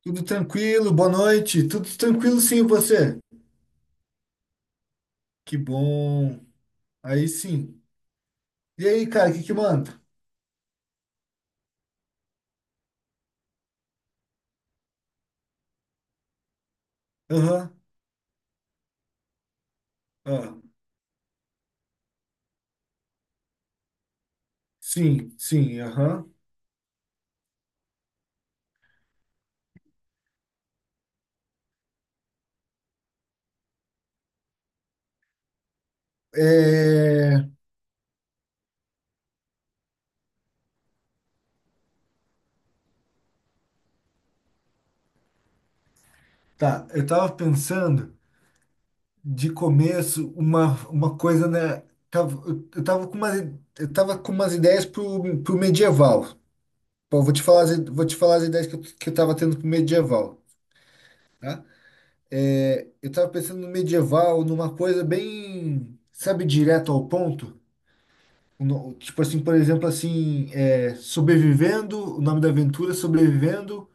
Tudo tranquilo, boa noite. Tudo tranquilo, sim, e você? Que bom. Aí sim. E aí, cara, o que que manda? Aham, ah, sim, sim, aham. É. Tá, eu tava pensando de começo uma coisa, né? Eu tava com umas ideias pro medieval. Pô, vou te falar, vou te falar as ideias que eu tava tendo pro medieval, tá? É, eu tava pensando no medieval, numa coisa bem, sabe, direto ao ponto. O no- Tipo assim, por exemplo, assim, sobrevivendo, o nome da aventura, é sobrevivendo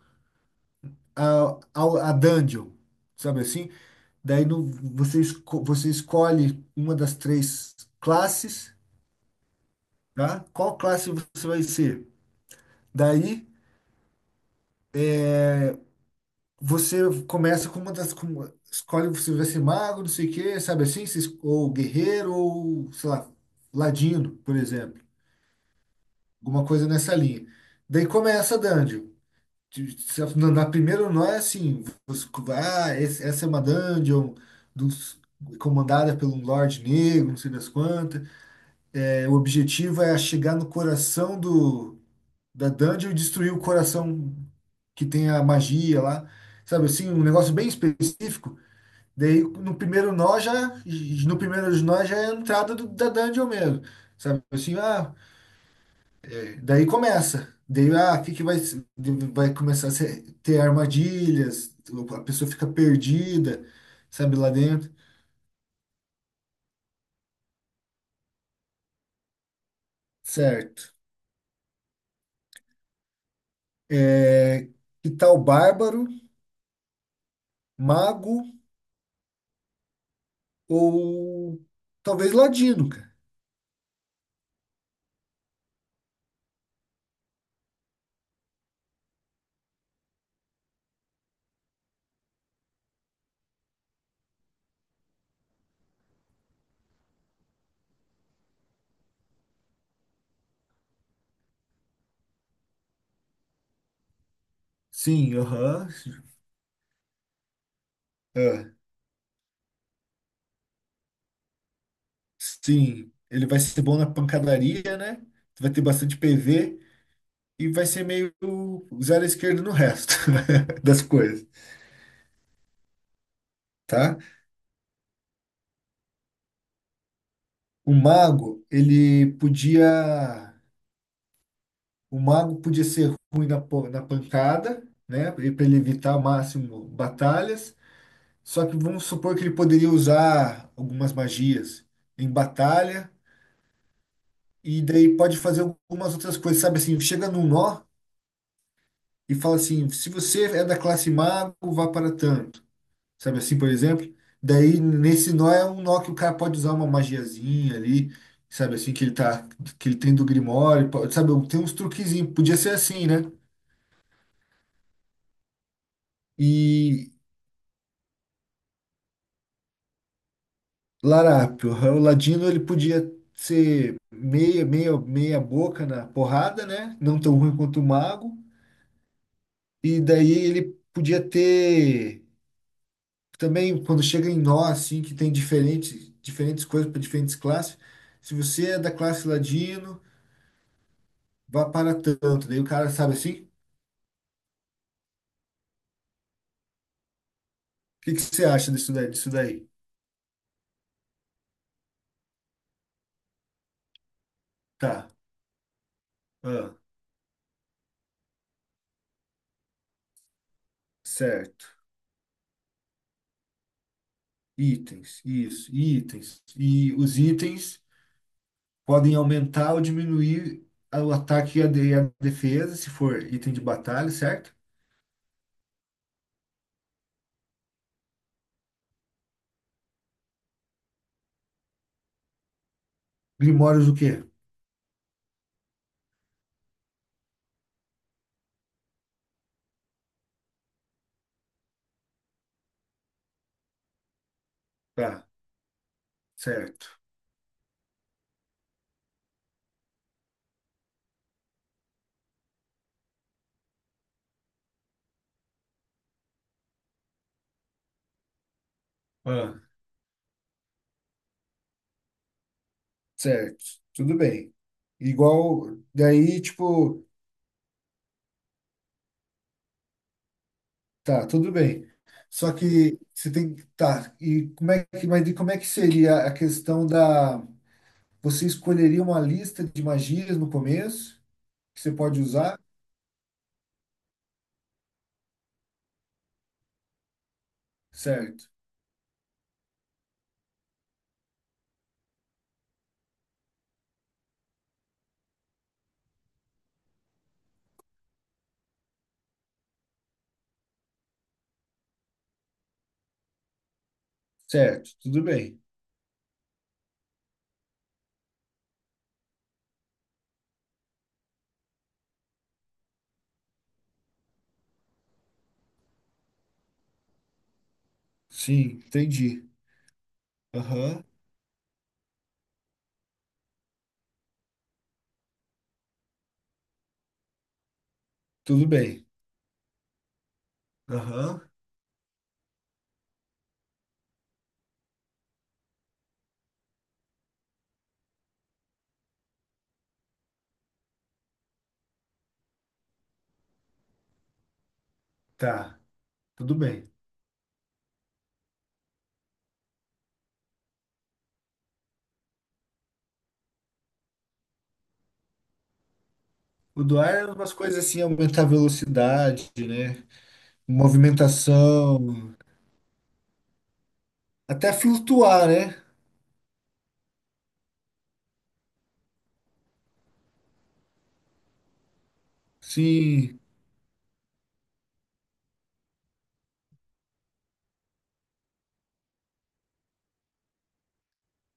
a dungeon, sabe assim? Daí no, você escolhe uma das três classes, tá? Qual classe você vai ser? Daí Você começa com uma das. Com uma- escolhe se vai ser mago, não sei o quê, sabe assim? Se es- Ou guerreiro, ou, sei lá, ladino, por exemplo. Alguma coisa nessa linha. Daí começa a dungeon. Na primeira não é assim. Ah, essa é uma dungeon dos- comandada pelo Lorde Negro, não sei das quantas. É, o objetivo é chegar no coração da dungeon e destruir o coração que tem a magia lá. Sabe assim? Um negócio bem específico. Daí no primeiro nó já, é a entrada da dungeon mesmo. Sabe assim, ah, daí começa. Daí, ah, o que que vai, vai começar ter armadilhas, a pessoa fica perdida, sabe, lá dentro. Certo. É, que tal bárbaro, mago ou talvez ladino, cara? Sim, aham. Ah, sim, ele vai ser bom na pancadaria, né? Vai ter bastante PV. E vai ser meio zero à esquerda no resto das coisas, tá? O mago, o mago podia ser ruim na pancada, né? Para ele evitar ao máximo batalhas. Só que vamos supor que ele poderia usar algumas magias em batalha e daí pode fazer algumas outras coisas, sabe assim, chega num nó e fala assim, se você é da classe mago, vá para tanto. Sabe assim, por exemplo. Daí nesse nó é um nó que o cara pode usar uma magiazinha ali, sabe assim, que ele tem do Grimório, sabe, tem uns truquezinhos, podia ser assim, né? E Larápio, o Ladino ele podia ser meia, meia, meia boca na porrada, né? Não tão ruim quanto o Mago, e daí ele podia ter também quando chega em nó assim que tem diferentes diferentes coisas para diferentes classes. Se você é da classe Ladino, vá para tanto. Daí o cara sabe assim? O que que você acha disso daí? Disso daí? Tá. Ah, certo. Itens, isso, itens. E os itens podem aumentar ou diminuir o ataque e a defesa, se for item de batalha, certo? Grimórios o quê? Tá, certo. Ah, certo. Tudo bem. Igual, daí, tipo, tá, tudo bem. Só que você tem que. Tá, mas e como é que seria a questão da. Você escolheria uma lista de magias no começo que você pode usar? Certo. Certo, tudo bem. Sim, entendi. Aham, tudo bem. Aham, tá, tudo bem. O do ar é umas coisas assim, aumentar a velocidade, né? Movimentação, até flutuar, né? Sim,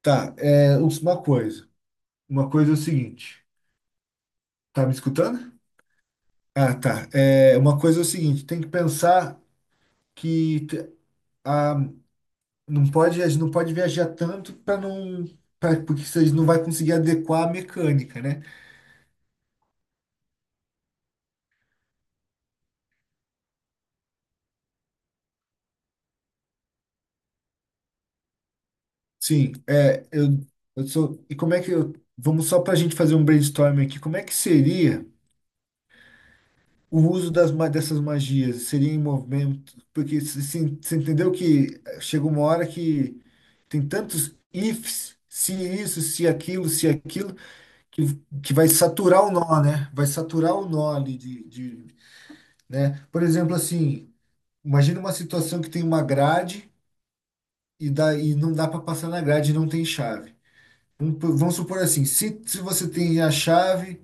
tá. É uma coisa. Uma coisa é o seguinte. Tá me escutando? Ah, tá. É, uma coisa é o seguinte, tem que pensar que te- a, Não pode, a gente não pode viajar tanto para não, pra, porque vocês não vai conseguir adequar a mecânica, né? Sim, é, eu sou. E como é que eu, vamos só para a gente fazer um brainstorming aqui? Como é que seria o uso dessas magias? Seria em movimento? Porque assim, você entendeu que chega uma hora que tem tantos ifs, se isso, se aquilo, se aquilo, que, que vai saturar o nó, né? Vai saturar o nó ali de, né? Por exemplo, assim. Imagina uma situação que tem uma grade e não dá para passar na grade e não tem chave. Vamos supor assim, se você tem a chave,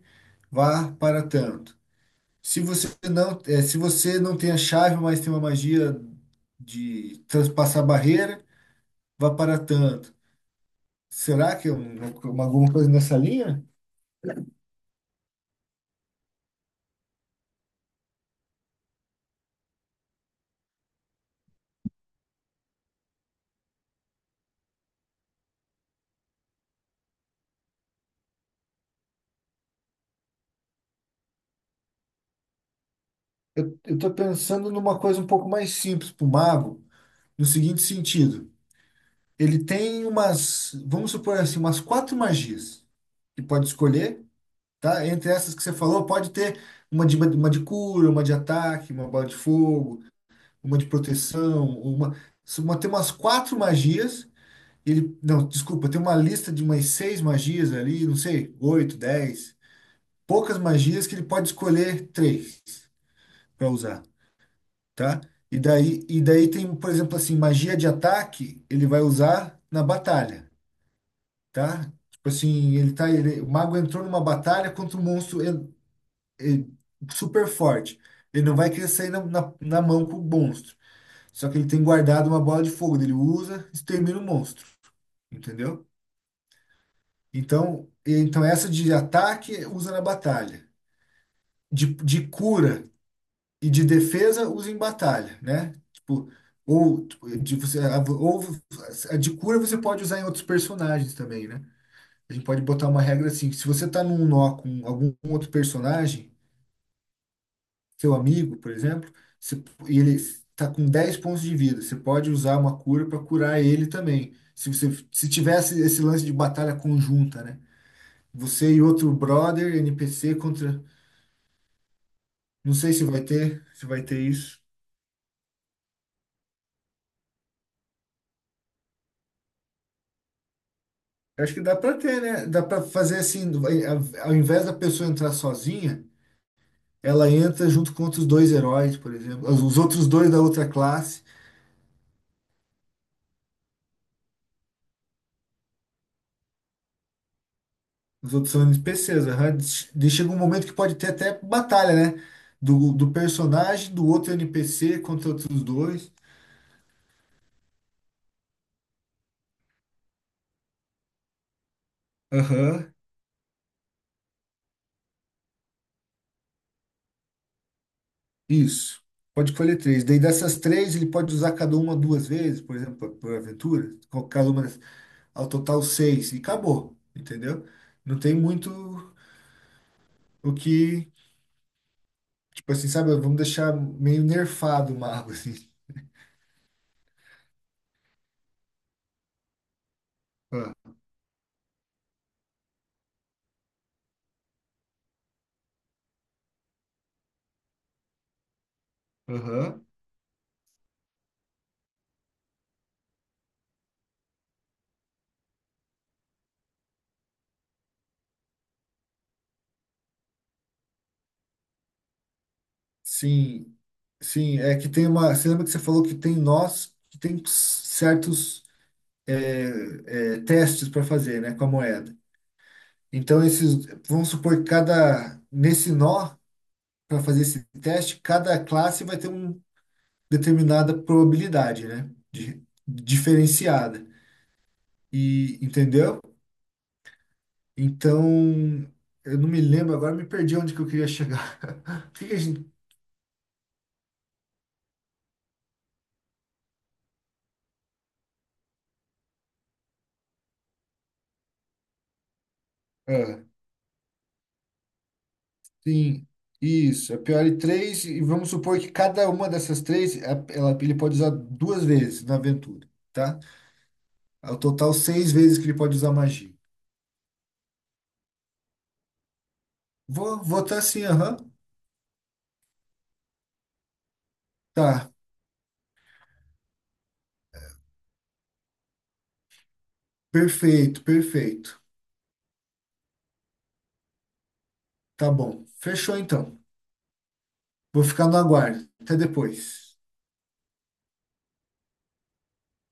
vá para tanto. Se você não tem a chave, mas tem uma magia de transpassar a barreira, vá para tanto. Será que é alguma coisa nessa linha? Eu estou pensando numa coisa um pouco mais simples para o mago, no seguinte sentido. Ele tem umas, vamos supor assim, umas quatro magias que pode escolher tá? Entre essas que você falou, pode ter uma de cura, uma de ataque, uma bola de fogo, uma de proteção, se uma tem umas quatro magias. Ele, não, desculpa, tem uma lista de umas seis magias ali, não sei, oito, 10, poucas magias que ele pode escolher três para usar, tá? E daí, tem, por exemplo, assim, magia de ataque, ele vai usar na batalha, tá? Tipo assim, o mago entrou numa batalha contra o monstro ele- super forte. Ele não vai querer sair na mão com o monstro. Só que ele tem guardado uma bola de fogo. Ele usa, extermina o monstro. Entendeu? Então, então, essa de ataque usa na batalha. De cura e de defesa usa em batalha, né? Ou tipo, de, você, ou a de cura você pode usar em outros personagens também, né? A gente pode botar uma regra assim, que se você tá num nó com algum outro personagem, seu amigo, por exemplo, você- e ele está com 10 pontos de vida, você pode usar uma cura para curar ele também. Se tivesse esse lance de batalha conjunta, né? Você e outro brother NPC contra, não sei se vai ter, isso. Eu acho que dá para ter, né? Dá para fazer assim, ao invés da pessoa entrar sozinha, ela entra junto contra os dois heróis, por exemplo, os outros dois da outra classe. Os outros são NPCs, aham. Chega um momento que pode ter até batalha, né? Do personagem, do outro NPC contra outros dois. Aham, isso. Pode escolher três. Daí dessas três, ele pode usar cada uma duas vezes, por exemplo, por aventura. Cada uma, ao total seis. E acabou, entendeu? Não tem muito o que, tipo assim, sabe? Vamos deixar meio nerfado o mago, assim. Ah, aham. Sim, sim, é que tem uma. Você lembra que você falou que tem nós que tem certos testes para fazer, né, com a moeda. Então esses, vamos supor que cada nesse nó para fazer esse teste, cada classe vai ter uma determinada probabilidade, né, diferenciada. E entendeu? Então eu não me lembro agora, me perdi onde que eu queria chegar. O que que a gente? Ah, sim, isso. É pior de três, e vamos supor que cada uma dessas três, ele pode usar duas vezes na aventura, tá? Ao total, seis vezes que ele pode usar magia. Vou tá assim, aham. Tá, perfeito, perfeito. Tá bom. Fechou então. Vou ficar no aguardo. Até depois.